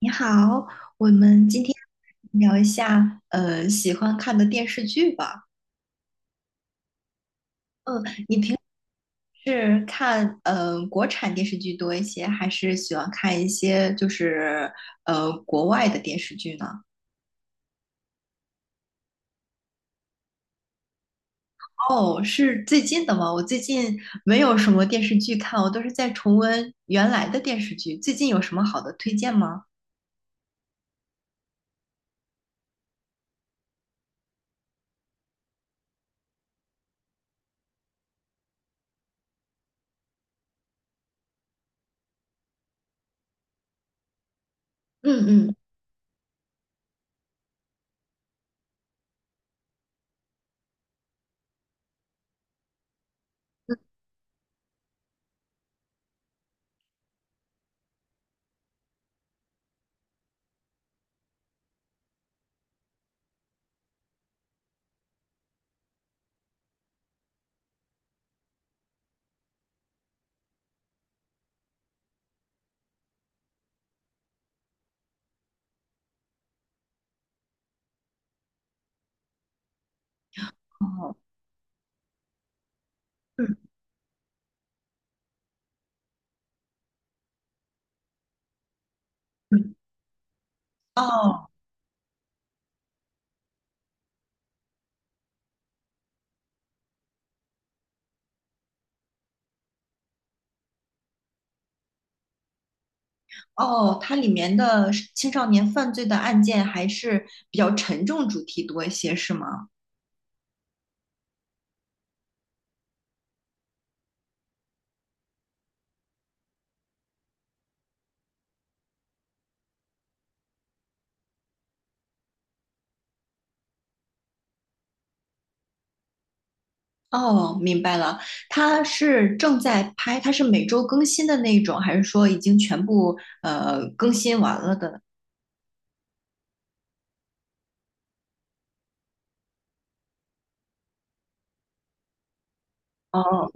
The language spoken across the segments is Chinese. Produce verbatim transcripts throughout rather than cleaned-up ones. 你好，我们今天聊一下呃喜欢看的电视剧吧。嗯，你平时看呃国产电视剧多一些，还是喜欢看一些就是呃国外的电视剧呢？哦，是最近的吗？我最近没有什么电视剧看，我都是在重温原来的电视剧。最近有什么好的推荐吗？嗯嗯。哦。嗯嗯。哦。哦，它里面的青少年犯罪的案件还是比较沉重主题多一些，是吗？哦，明白了，它是正在拍，它是每周更新的那种，还是说已经全部呃更新完了的？哦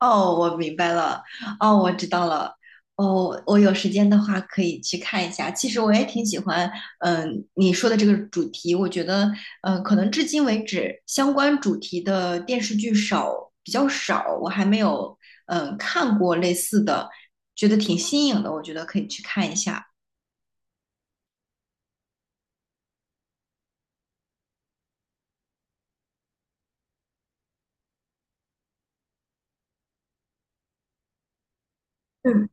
哦，我明白了。哦，我知道了。哦，我有时间的话可以去看一下。其实我也挺喜欢，嗯，你说的这个主题，我觉得，嗯，可能至今为止相关主题的电视剧少，比较少，我还没有，嗯，看过类似的，觉得挺新颖的，我觉得可以去看一下。嗯。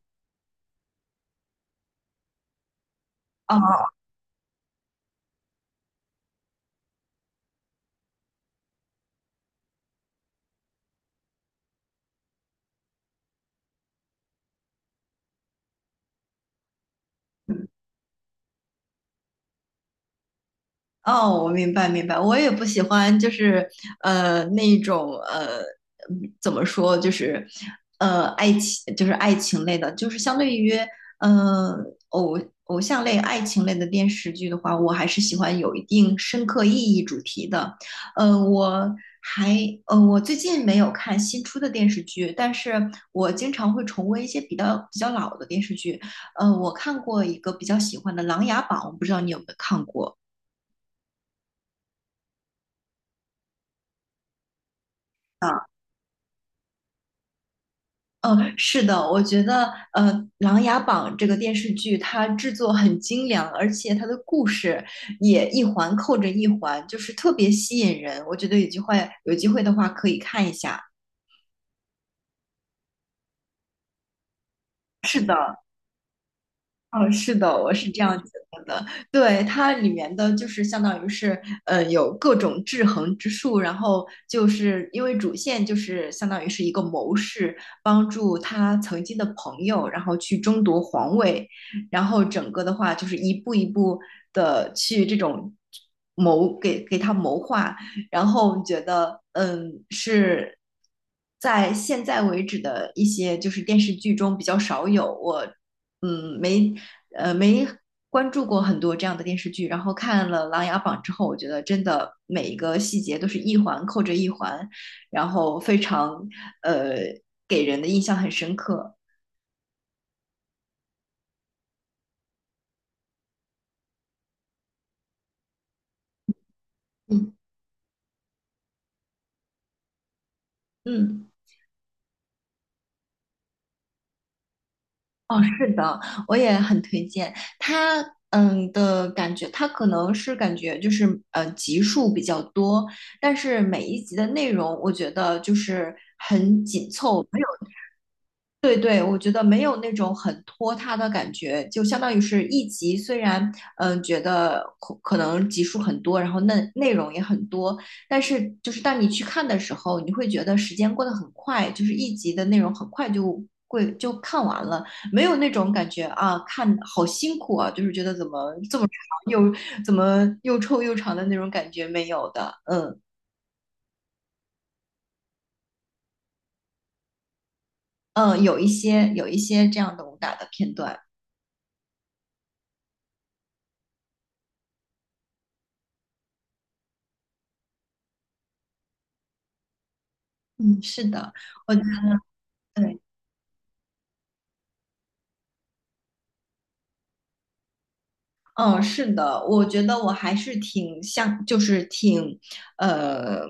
哦。哦，我明白明白，我也不喜欢，就是呃那一种呃嗯怎么说，就是呃爱情，就是爱情类的，就是相对于呃偶偶像类、爱情类的电视剧的话，我还是喜欢有一定深刻意义主题的。呃，我还呃我最近没有看新出的电视剧，但是我经常会重温一些比较比较老的电视剧。呃，我看过一个比较喜欢的《琅琊榜》，我不知道你有没有看过。啊？嗯，是的，我觉得呃，《琅琊榜》这个电视剧它制作很精良，而且它的故事也一环扣着一环，就是特别吸引人。我觉得有机会有机会的话可以看一下。是的，哦，是的，我是这样觉得的。对，它里面的就是相当于是，呃，有各种制衡之术，然后就是因为主线就是相当于是一个谋士，帮助他曾经的朋友，然后去争夺皇位，然后整个的话就是一步一步的去这种谋给给他谋划，然后觉得嗯是在现在为止的一些就是电视剧中比较少有我。嗯，没呃没关注过很多这样的电视剧，然后看了《琅琊榜》之后，我觉得真的每一个细节都是一环扣着一环，然后非常呃给人的印象很深刻。嗯嗯，哦，是的，我也很推荐它。嗯的感觉，它可能是感觉就是呃集数比较多，但是每一集的内容我觉得就是很紧凑。有。对对，我觉得没有那种很拖沓的感觉，就相当于是一集，虽然嗯、呃觉得可可能集数很多，然后内内容也很多，但是就是当你去看的时候，你会觉得时间过得很快，就是一集的内容很快就会就看完了，没有那种感觉啊，看好辛苦啊，就是觉得怎么这么长又怎么又臭又长的那种感觉没有的。嗯嗯，有一些有一些这样的武打的片段，嗯，是的，我对。嗯，是的，我觉得我还是挺像，就是挺，呃，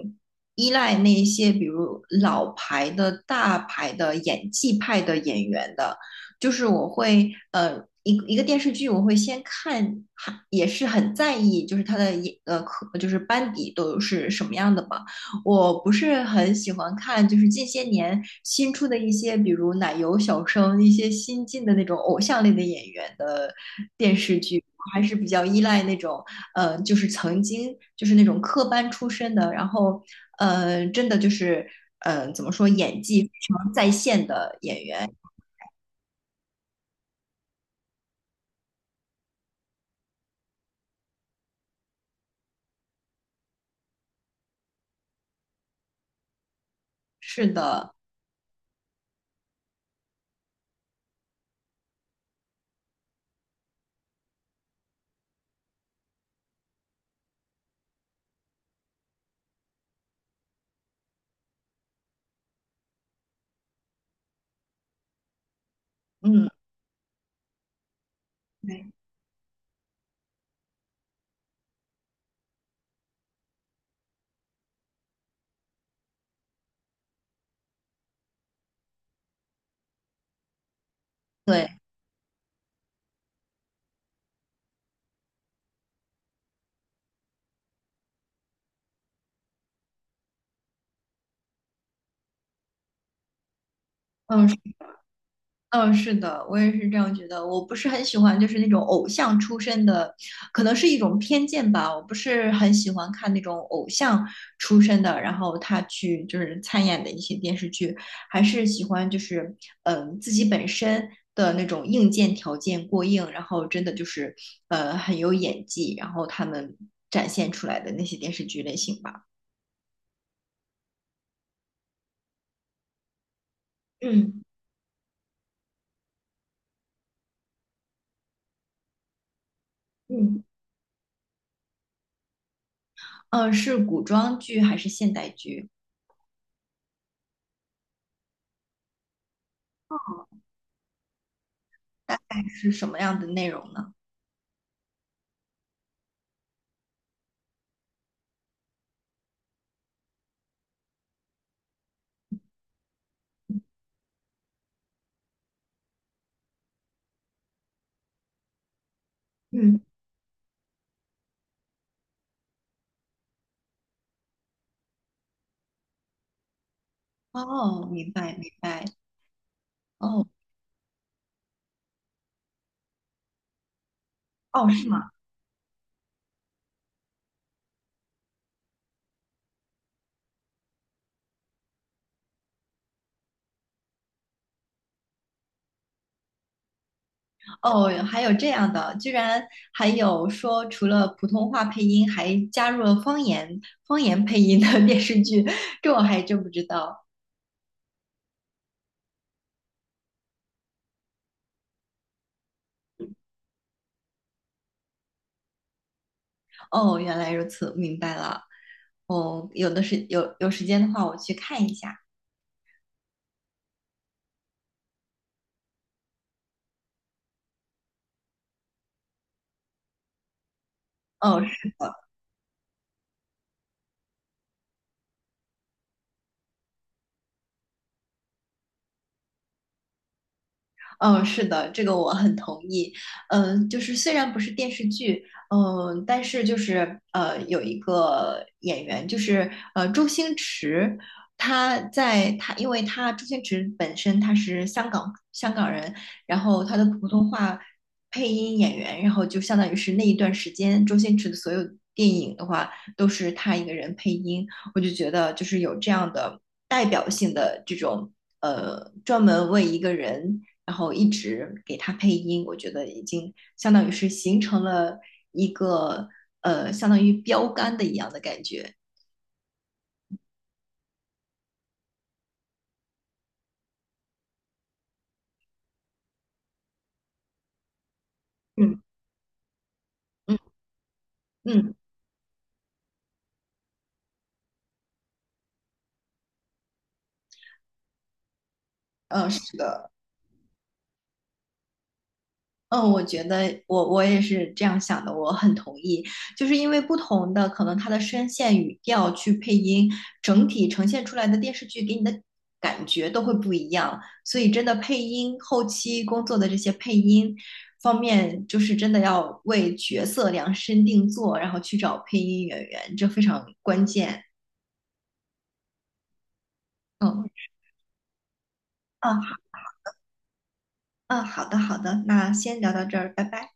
依赖那一些比如老牌的大牌的演技派的演员的，就是我会，呃，一个一个电视剧我会先看，还也是很在意，就是他的演，呃，可就是班底都是什么样的嘛，我不是很喜欢看，就是近些年新出的一些，比如奶油小生，一些新进的那种偶像类的演员的电视剧，我还是比较依赖那种，呃，就是曾经就是那种科班出身的，然后，呃，真的就是，呃，怎么说，演技非常在线的演员。是的，嗯，对对，嗯，嗯，是的，我也是这样觉得。我不是很喜欢，就是那种偶像出身的，可能是一种偏见吧。我不是很喜欢看那种偶像出身的，然后他去就是参演的一些电视剧，还是喜欢就是嗯、呃自己本身的那种硬件条件过硬，然后真的就是呃很有演技，然后他们展现出来的那些电视剧类型吧。嗯嗯，呃，是古装剧还是现代剧？是什么样的内容呢？嗯。哦，明白明白。哦哦，是吗？哦，还有这样的，居然还有说除了普通话配音，还加入了方言方言配音的电视剧，这我还真不知道。哦，原来如此，明白了。哦，有的是有有时间的话，我去看一下。哦。嗯，是的，这个我很同意。嗯，就是虽然不是电视剧，嗯，但是就是呃，有一个演员，就是呃，周星驰，他在他，因为他周星驰本身他是香港香港人，然后他的普通话配音演员，然后就相当于是那一段时间，周星驰的所有电影的话都是他一个人配音，我就觉得就是有这样的代表性的这种。呃，专门为一个人然后一直给他配音，我觉得已经相当于是形成了一个呃，相当于标杆的一样的感觉。嗯嗯嗯，呃，是的，嗯，我觉得我我也是这样想的，我很同意，就是因为不同的可能他的声线、语调去配音，整体呈现出来的电视剧给你的感觉都会不一样，所以真的配音后期工作的这些配音方面，就是真的要为角色量身定做，然后去找配音演员，这非常关键。嗯，嗯好，嗯，好的，好的，那先聊到这儿，拜拜。